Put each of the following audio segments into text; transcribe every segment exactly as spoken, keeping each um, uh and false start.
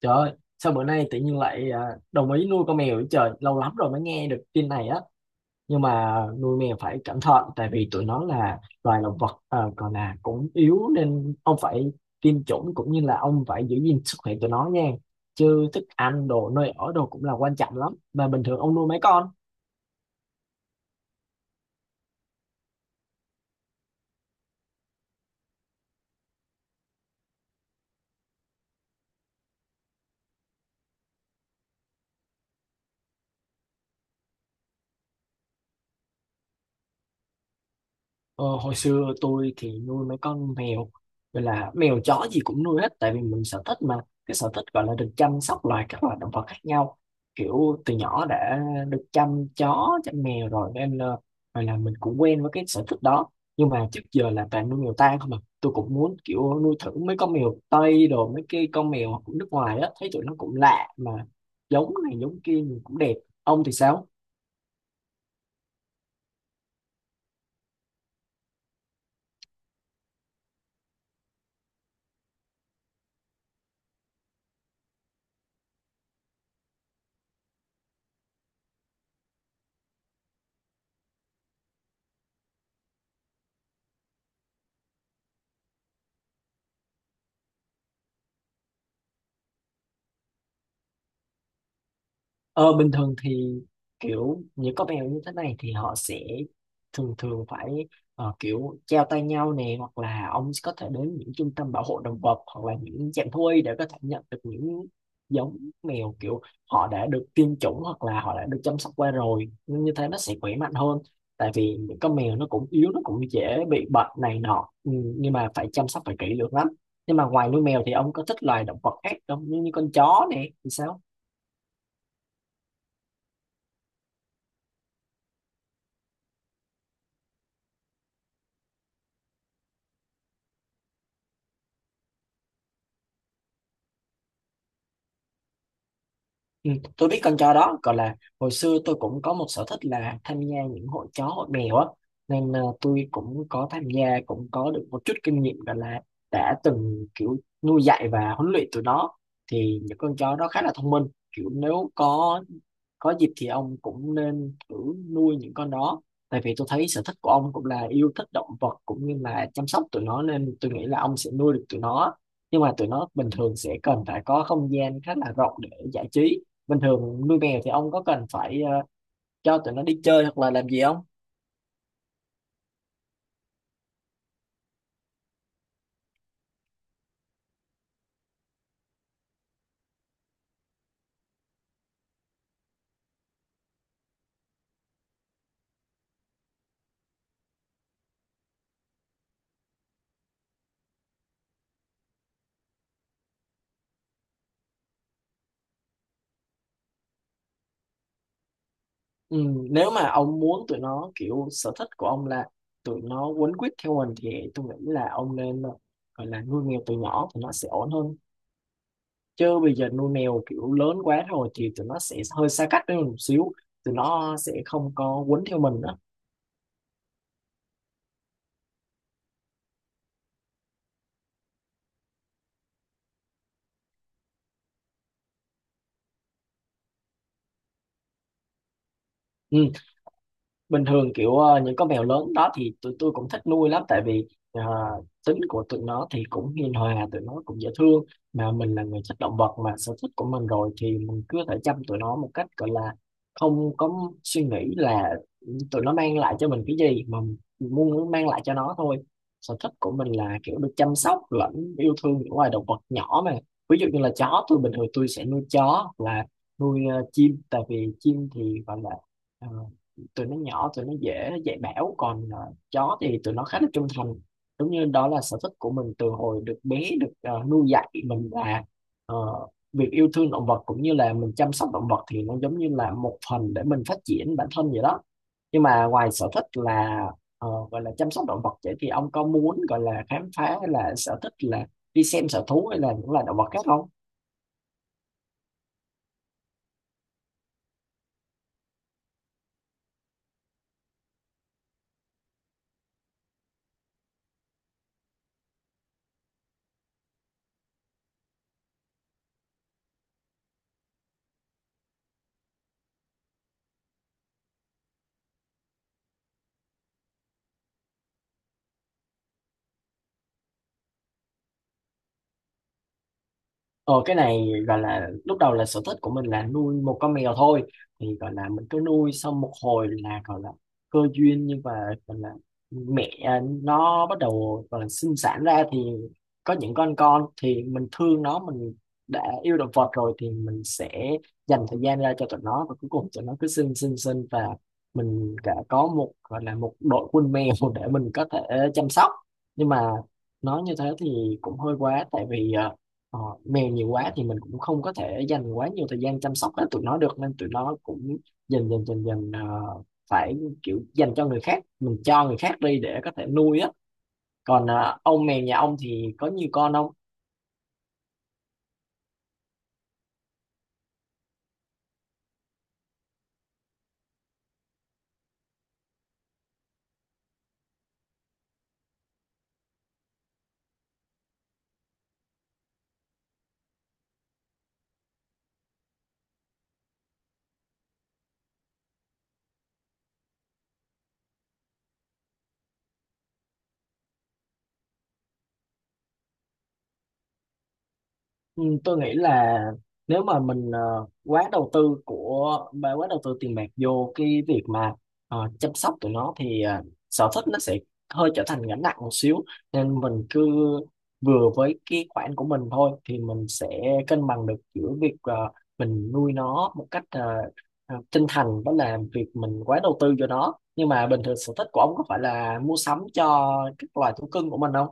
Trời ơi, sao bữa nay tự nhiên lại à, đồng ý nuôi con mèo vậy trời, lâu lắm rồi mới nghe được tin này á. Nhưng mà nuôi mèo phải cẩn thận tại vì tụi nó là loài động vật ờ, còn là cũng yếu nên ông phải tiêm chủng cũng như là ông phải giữ gìn sức khỏe tụi nó nha. Chứ thức ăn, đồ nơi ở đồ cũng là quan trọng lắm. Mà bình thường ông nuôi mấy con? Ờ, hồi xưa tôi thì nuôi mấy con mèo, gọi là mèo chó gì cũng nuôi hết, tại vì mình sở thích mà. Cái sở thích gọi là được chăm sóc loài các loài động vật khác nhau, kiểu từ nhỏ đã được chăm chó chăm mèo rồi nên ờ, gọi là mình cũng quen với cái sở thích đó. Nhưng mà trước giờ là toàn nuôi mèo tang không à, tôi cũng muốn kiểu nuôi thử mấy con mèo Tây đồ, mấy cái con mèo của nước ngoài á, thấy tụi nó cũng lạ mà giống này giống kia nhìn cũng đẹp. Ông thì sao? Ờ, bình thường thì kiểu những con mèo như thế này thì họ sẽ thường thường phải ờ, kiểu treo tay nhau nè, hoặc là ông có thể đến những trung tâm bảo hộ động vật hoặc là những trạm thú y để có thể nhận được những giống mèo kiểu họ đã được tiêm chủng hoặc là họ đã được chăm sóc qua rồi, nhưng như thế nó sẽ khỏe mạnh hơn. Tại vì những con mèo nó cũng yếu, nó cũng dễ bị bệnh này nọ. Ừ, nhưng mà phải chăm sóc phải kỹ lưỡng lắm. Nhưng mà ngoài nuôi mèo thì ông có thích loài động vật khác không, như, như con chó nè thì sao? Ừ, tôi biết con chó đó, gọi là hồi xưa tôi cũng có một sở thích là tham gia những hội chó hội mèo á, nên ờ, tôi cũng có tham gia, cũng có được một chút kinh nghiệm, gọi là đã từng kiểu nuôi dạy và huấn luyện tụi nó. Thì những con chó đó khá là thông minh, kiểu nếu có có dịp thì ông cũng nên thử nuôi những con đó. Tại vì tôi thấy sở thích của ông cũng là yêu thích động vật cũng như là chăm sóc tụi nó nên tôi nghĩ là ông sẽ nuôi được tụi nó. Nhưng mà tụi nó bình thường sẽ cần phải có không gian khá là rộng để giải trí. Bình thường nuôi mèo thì ông có cần phải ờ, cho tụi nó đi chơi hoặc là làm gì không? Ừ, nếu mà ông muốn tụi nó kiểu sở thích của ông là tụi nó quấn quýt theo mình thì tôi nghĩ là ông nên ờ, gọi là nuôi mèo từ nhỏ thì nó sẽ ổn hơn. Chứ bây giờ nuôi mèo kiểu lớn quá rồi thì tụi nó sẽ hơi xa cách với mình một xíu, tụi nó sẽ không có quấn theo mình nữa. Ừ, bình thường kiểu ờ, những con mèo lớn đó thì tụi tôi cũng thích nuôi lắm, tại vì ờ, tính của tụi nó thì cũng hiền hòa, tụi nó cũng dễ thương. Mà mình là người thích động vật mà, sở thích của mình rồi thì mình cứ thể chăm tụi nó một cách gọi là không có suy nghĩ là tụi nó mang lại cho mình cái gì, mà mình muốn mang lại cho nó thôi. Sở thích của mình là kiểu được chăm sóc lẫn yêu thương những loài động vật nhỏ mà, ví dụ như là chó, tôi bình thường tôi sẽ nuôi chó hoặc là nuôi ờ, chim, tại vì chim thì gọi là ờ, tụi nó nhỏ, tụi nó dễ dạy bảo, còn ờ, chó thì tụi nó khá là trung thành. Đúng như đó là sở thích của mình từ hồi được bé, được ờ, nuôi dạy mình là ờ, việc yêu thương động vật cũng như là mình chăm sóc động vật thì nó giống như là một phần để mình phát triển bản thân vậy đó. Nhưng mà ngoài sở thích là ờ, gọi là chăm sóc động vật vậy thì ông có muốn gọi là khám phá hay là sở thích là đi xem sở thú hay là những loài động vật khác không? Ờ, cái này gọi là lúc đầu là sở thích của mình là nuôi một con mèo thôi, thì gọi là mình cứ nuôi xong một hồi là gọi là cơ duyên, nhưng mà gọi là mẹ à, nó bắt đầu gọi là sinh sản ra thì có những con con thì mình thương nó, mình đã yêu động vật rồi thì mình sẽ dành thời gian ra cho tụi nó, và cuối cùng tụi nó cứ sinh sinh sinh và mình đã có một, gọi là một đội quân mèo để mình có thể chăm sóc. Nhưng mà nói như thế thì cũng hơi quá, tại vì à, Ờ, mèo nhiều quá thì mình cũng không có thể dành quá nhiều thời gian chăm sóc hết tụi nó được, nên tụi nó cũng dần dần dần dần ờ, phải kiểu dành cho người khác, mình cho người khác đi để có thể nuôi á. Còn ờ, ông mèo nhà ông thì có nhiều con không? Ừ, tôi nghĩ là nếu mà mình ờ, quá đầu tư của bà quá đầu tư tiền bạc vô cái việc mà ờ, chăm sóc tụi nó thì ờ, sở thích nó sẽ hơi trở thành gánh nặng một xíu. Nên mình cứ vừa với cái khoản của mình thôi thì mình sẽ cân bằng được giữa việc ờ, mình nuôi nó một cách ờ, ờ, chân thành, đó là việc mình quá đầu tư cho nó. Nhưng mà bình thường sở thích của ông có phải là mua sắm cho các loài thú cưng của mình không?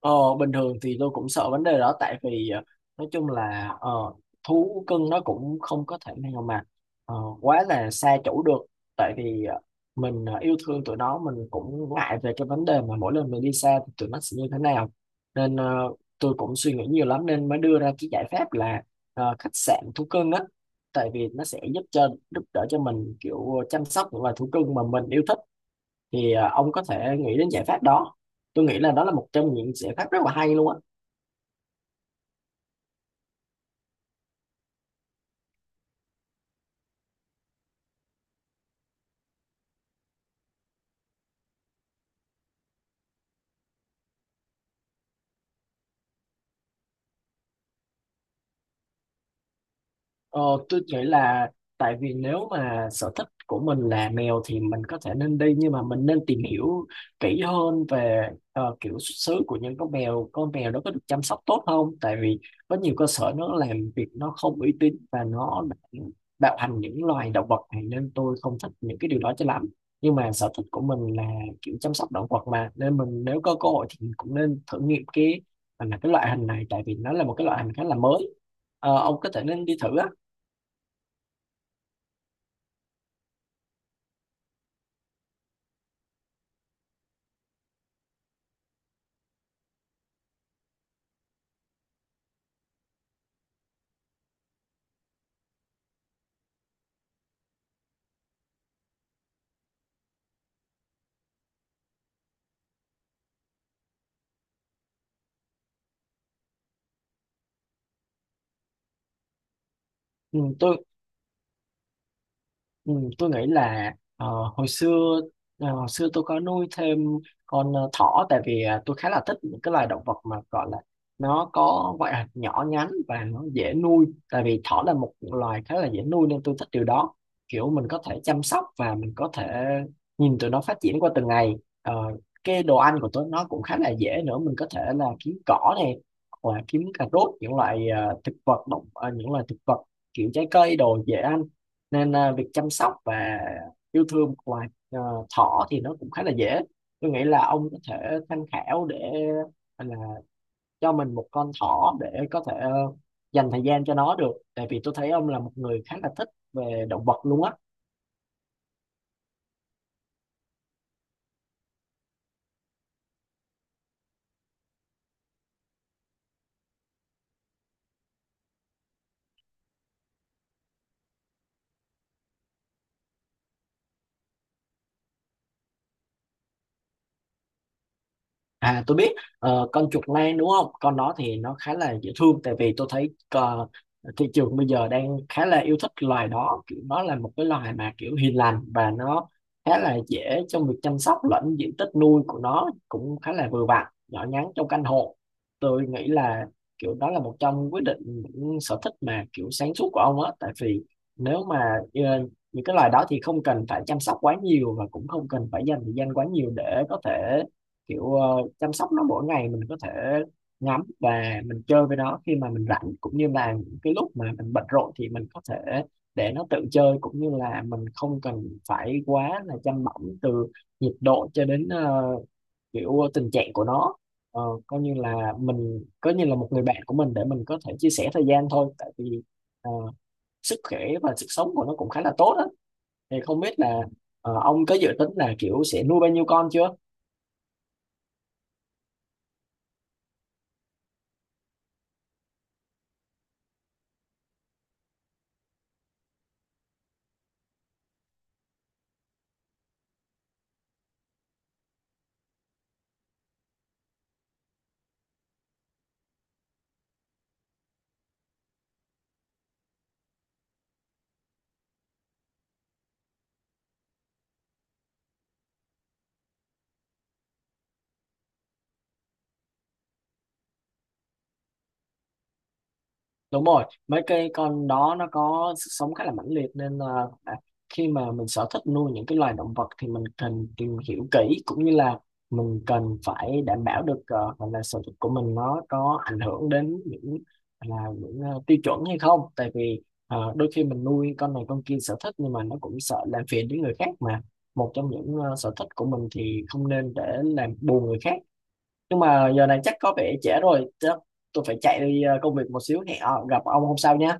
Ờ, bình thường thì tôi cũng sợ vấn đề đó, tại vì ờ, nói chung là ờ, thú cưng nó cũng không có thể nào mà ờ, quá là xa chủ được. Tại vì ờ, mình ờ, yêu thương tụi nó, mình cũng ngại về cái vấn đề mà mỗi lần mình đi xa thì tụi nó sẽ như thế nào. Nên ờ, tôi cũng suy nghĩ nhiều lắm nên mới đưa ra cái giải pháp là ờ, khách sạn thú cưng á. Tại vì nó sẽ giúp cho giúp đỡ cho mình kiểu chăm sóc những loài thú cưng mà mình yêu thích. Thì à, ông có thể nghĩ đến giải pháp đó, tôi nghĩ là đó là một trong những giải pháp rất là hay luôn á. Ờ, tôi nghĩ là tại vì nếu mà sở thích của mình là mèo thì mình có thể nên đi, nhưng mà mình nên tìm hiểu kỹ hơn về ờ, kiểu xuất xứ của những con mèo, con mèo đó có được chăm sóc tốt không, tại vì có nhiều cơ sở nó làm việc nó không uy tín và nó đã bạo hành những loài động vật này, nên tôi không thích những cái điều đó cho lắm. Nhưng mà sở thích của mình là kiểu chăm sóc động vật mà, nên mình nếu có cơ hội thì mình cũng nên thử nghiệm cái à, là cái loại hình này, tại vì nó là một cái loại hình khá là mới. Ờ, ông có thể nên đi thử á. Ừ, tôi ừ, tôi nghĩ là ờ, hồi xưa ờ, hồi xưa tôi có nuôi thêm con ờ, thỏ, tại vì ờ, tôi khá là thích những cái loài động vật mà gọi là nó có ngoại hình nhỏ nhắn và nó dễ nuôi. Tại vì thỏ là một loài khá là dễ nuôi nên tôi thích điều đó, kiểu mình có thể chăm sóc và mình có thể nhìn tụi nó phát triển qua từng ngày. Ờ, cái đồ ăn của tụi nó cũng khá là dễ nữa, mình có thể là kiếm cỏ này hoặc là kiếm cà rốt, những loại ờ, thực vật động ờ, những loại thực vật kiểu trái cây đồ dễ ăn. Nên à, việc chăm sóc và yêu thương của loài à, thỏ thì nó cũng khá là dễ. Tôi nghĩ là ông có thể tham khảo để là cho mình một con thỏ để có thể ờ, dành thời gian cho nó được, tại vì tôi thấy ông là một người khá là thích về động vật luôn á. À, tôi biết, ờ, con chuột lang đúng không? Con đó thì nó khá là dễ thương, tại vì tôi thấy ờ, thị trường bây giờ đang khá là yêu thích loài đó, kiểu nó là một cái loài mà kiểu hiền lành và nó khá là dễ trong việc chăm sóc, lẫn diện tích nuôi của nó cũng khá là vừa vặn, nhỏ nhắn trong căn hộ. Tôi nghĩ là kiểu đó là một trong quyết định những sở thích mà kiểu sáng suốt của ông á, tại vì nếu mà ờ, những cái loài đó thì không cần phải chăm sóc quá nhiều và cũng không cần phải dành thời gian quá nhiều để có thể kiểu ờ, chăm sóc nó mỗi ngày. Mình có thể ngắm và mình chơi với nó khi mà mình rảnh, cũng như là những cái lúc mà mình bận rộn thì mình có thể để nó tự chơi, cũng như là mình không cần phải quá là chăm bẵm từ nhiệt độ cho đến ờ, kiểu tình trạng của nó. Ờ, coi như là mình coi như là một người bạn của mình để mình có thể chia sẻ thời gian thôi, tại vì ờ, sức khỏe và sức sống của nó cũng khá là tốt á. Thì không biết là ờ, ông có dự tính là kiểu sẽ nuôi bao nhiêu con chưa? Đúng rồi, mấy cái con đó nó có sức sống khá là mãnh liệt, nên là à, khi mà mình sở thích nuôi những cái loài động vật thì mình cần tìm hiểu kỹ, cũng như là mình cần phải đảm bảo được ờ, gọi là sở thích của mình nó có ảnh hưởng đến những là những ờ, tiêu chuẩn hay không. Tại vì ờ, đôi khi mình nuôi con này con kia sở thích, nhưng mà nó cũng sợ làm phiền đến người khác mà, một trong những ờ, sở thích của mình thì không nên để làm buồn người khác. Nhưng mà giờ này chắc có vẻ trễ rồi, chắc tôi phải chạy đi ờ, công việc một xíu, hẹn ờ, gặp ông hôm sau nhé.